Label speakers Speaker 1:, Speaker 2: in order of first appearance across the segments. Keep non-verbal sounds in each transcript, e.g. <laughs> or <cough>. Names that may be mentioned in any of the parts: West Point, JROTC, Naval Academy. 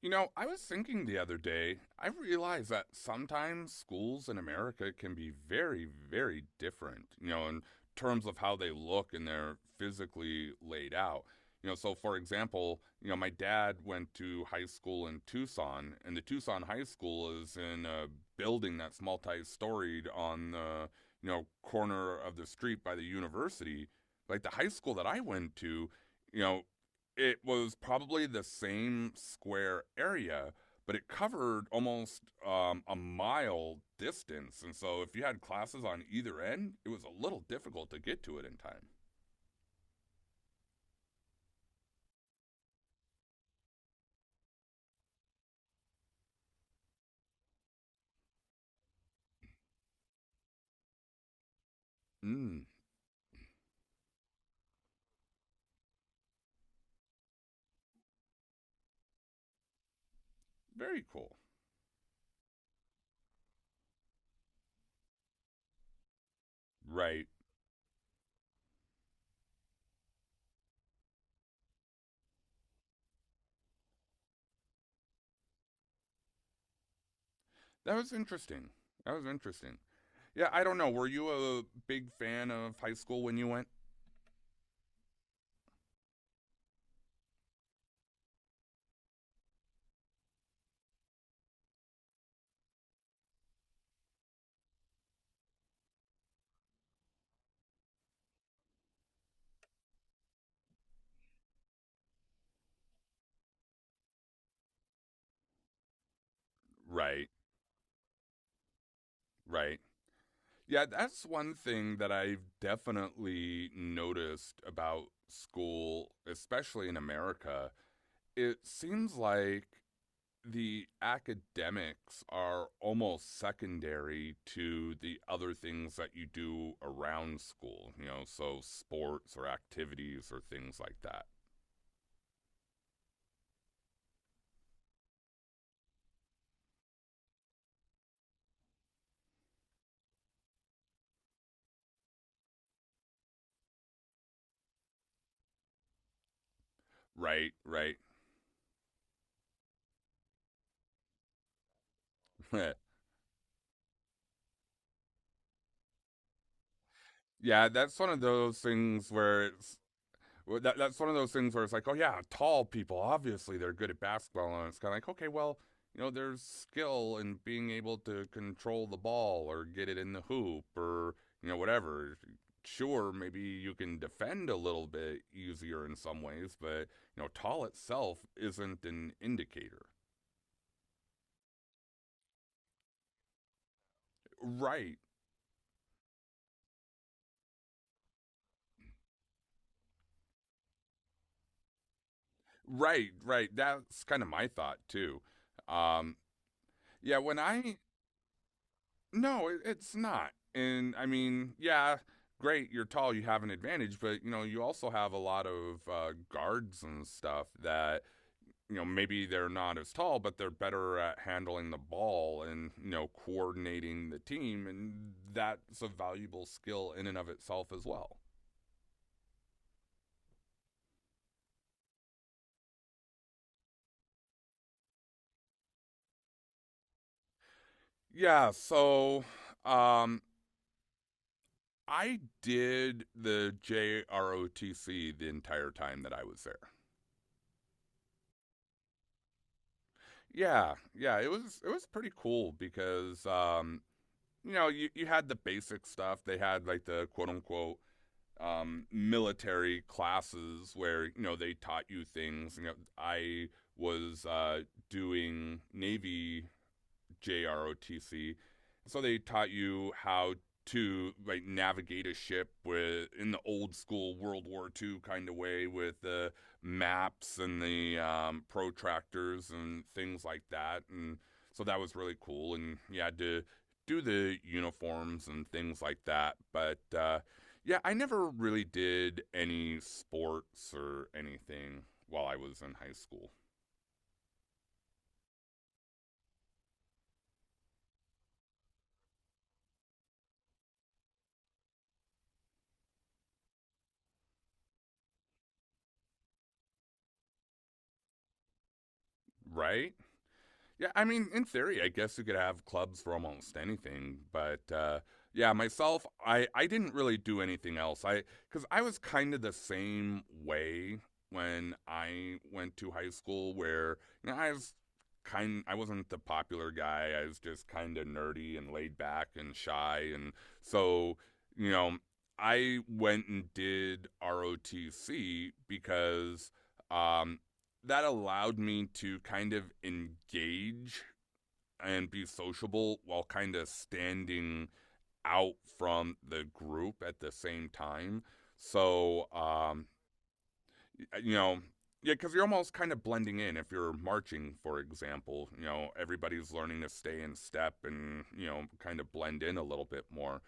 Speaker 1: I was thinking the other day, I realized that sometimes schools in America can be very, very different, in terms of how they look and they're physically laid out. So for example, my dad went to high school in Tucson, and the Tucson High School is in a building that's multi-storied on the, corner of the street by the university. Like the high school that I went to, you know, it was probably the same square area, but it covered almost a mile distance. And so if you had classes on either end, it was a little difficult to get to it in time. Mm, very cool. Right. That was interesting. That was interesting. Yeah, I don't know. Were you a big fan of high school when you went? Right, right. Yeah, that's one thing that I've definitely noticed about school, especially in America it seems like the academics are almost secondary to the other things that you do around school, so sports or activities or things like that. Right, right. <laughs> Yeah, that's one of those things where it's. Well, that's one of those things where it's like, oh yeah, tall people obviously they're good at basketball, and it's kind of like, okay, well, there's skill in being able to control the ball or get it in the hoop or whatever. Sure, maybe you can defend a little bit easier in some ways, but tall itself isn't an indicator. Right, right, right. That's kind of my thought too. Um, yeah, when I No, it's not. And I mean, yeah, great, you're tall, you have an advantage, but you also have a lot of guards and stuff that maybe they're not as tall, but they're better at handling the ball and coordinating the team, and that's a valuable skill in and of itself as well. Yeah, so um, I did the JROTC the entire time that I was there. Yeah, yeah, it was pretty cool because you had the basic stuff. They had like the quote unquote military classes where they taught you things. I was doing Navy JROTC. So they taught you how to like navigate a ship with in the old school World War II kind of way with the maps and the protractors and things like that. And so that was really cool. And you had to do the uniforms and things like that. But yeah, I never really did any sports or anything while I was in high school. Right? Yeah, I mean, in theory, I guess you could have clubs for almost anything, but yeah, myself, I didn't really do anything else. I Because I was kind of the same way when I went to high school, where you know I was I wasn't the popular guy. I was just kind of nerdy and laid back and shy, and so you know I went and did ROTC because. Um, that allowed me to kind of engage and be sociable while kind of standing out from the group at the same time. So, you know, yeah, because you're almost kind of blending in. If you're marching, for example, everybody's learning to stay in step and, kind of blend in a little bit more.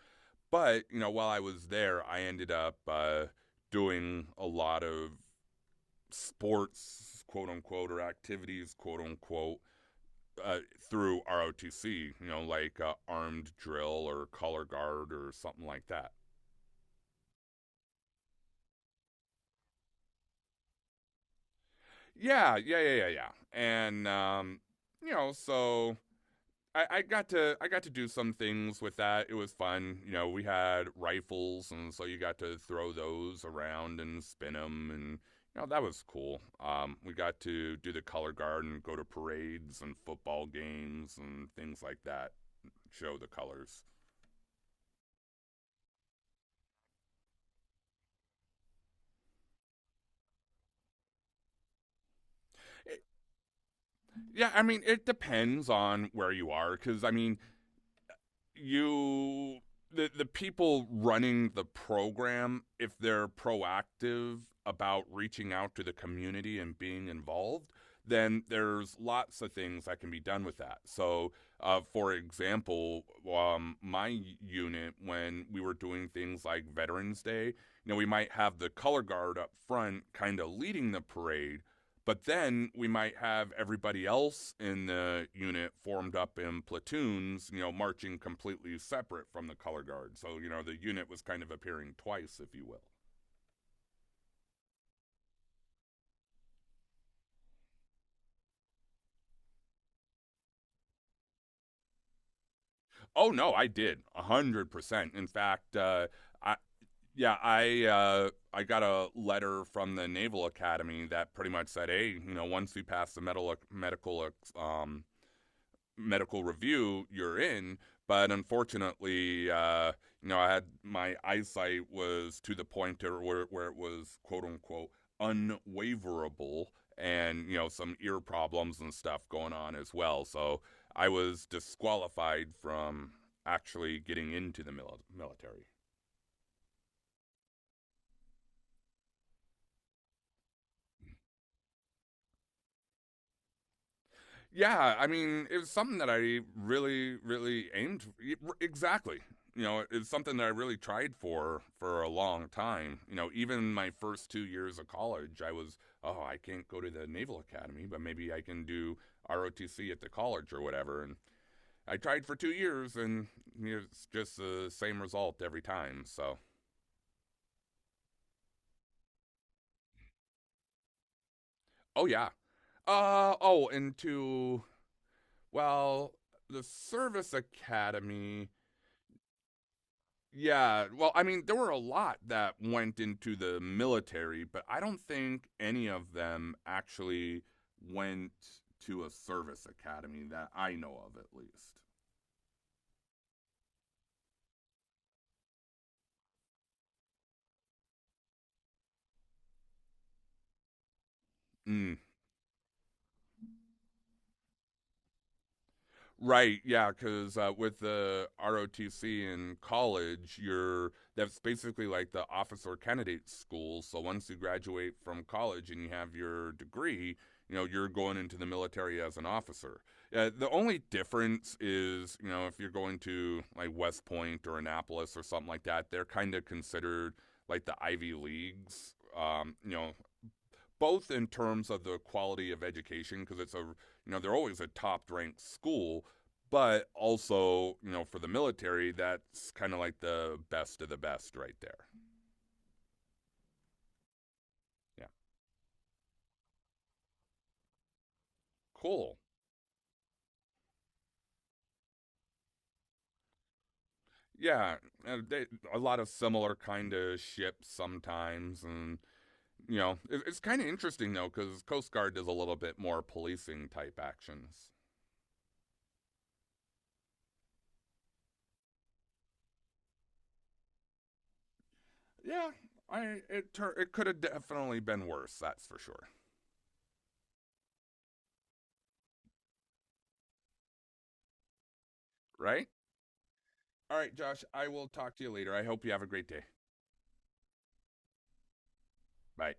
Speaker 1: But, while I was there, I ended up doing a lot of sports, quote unquote, or activities, quote unquote, through ROTC, like armed drill or color guard or something like that. Yeah, yeah, yeah, yeah, yeah. And so I got to do some things with that. It was fun. We had rifles, and so you got to throw those around and spin them, and that was cool. We got to do the color guard and go to parades and football games and things like that. Show the colors. Yeah, I mean, it depends on where you are because, I mean, you, the people running the program, if they're proactive about reaching out to the community and being involved, then there's lots of things that can be done with that. So, for example, my unit, when we were doing things like Veterans Day, we might have the color guard up front kind of leading the parade, but then we might have everybody else in the unit formed up in platoons, marching completely separate from the color guard. So, the unit was kind of appearing twice, if you will. Oh, no, I did. 100%. In fact, I, yeah, I got a letter from the Naval Academy that pretty much said, "Hey, once you pass the um, medical review you're in. But unfortunately, I had my eyesight was to the point where, it was quote unquote unwaverable and, some ear problems and stuff going on as well. So I was disqualified from actually getting into the military. Yeah, I mean, it was something that I really, really aimed for. Exactly. It's something that I really tried for a long time. Even my first 2 years of college, I was, oh, I can't go to the Naval Academy, but maybe I can do ROTC at the college or whatever. And I tried for 2 years, and it's just the same result every time. So, oh yeah. Oh, and to well, the Service Academy. Yeah, well, I mean, there were a lot that went into the military, but I don't think any of them actually went to a service academy that I know of, at least. Mm. Right, yeah, because with the ROTC in college, you're that's basically like the officer candidate school. So once you graduate from college and you have your degree, you're going into the military as an officer. The only difference is, if you're going to like West Point or Annapolis or something like that, they're kind of considered like the Ivy Leagues. Both in terms of the quality of education because it's a you know they're always a top ranked school but also for the military that's kind of like the best of the best right there. Yeah, cool. Yeah, uh, they, a lot of similar kind of ships sometimes and it's kind of interesting though because coast guard does a little bit more policing type actions. Yeah, it could have definitely been worse. That's for sure. Right. All right, Josh, I will talk to you later. I hope you have a great day. Bye.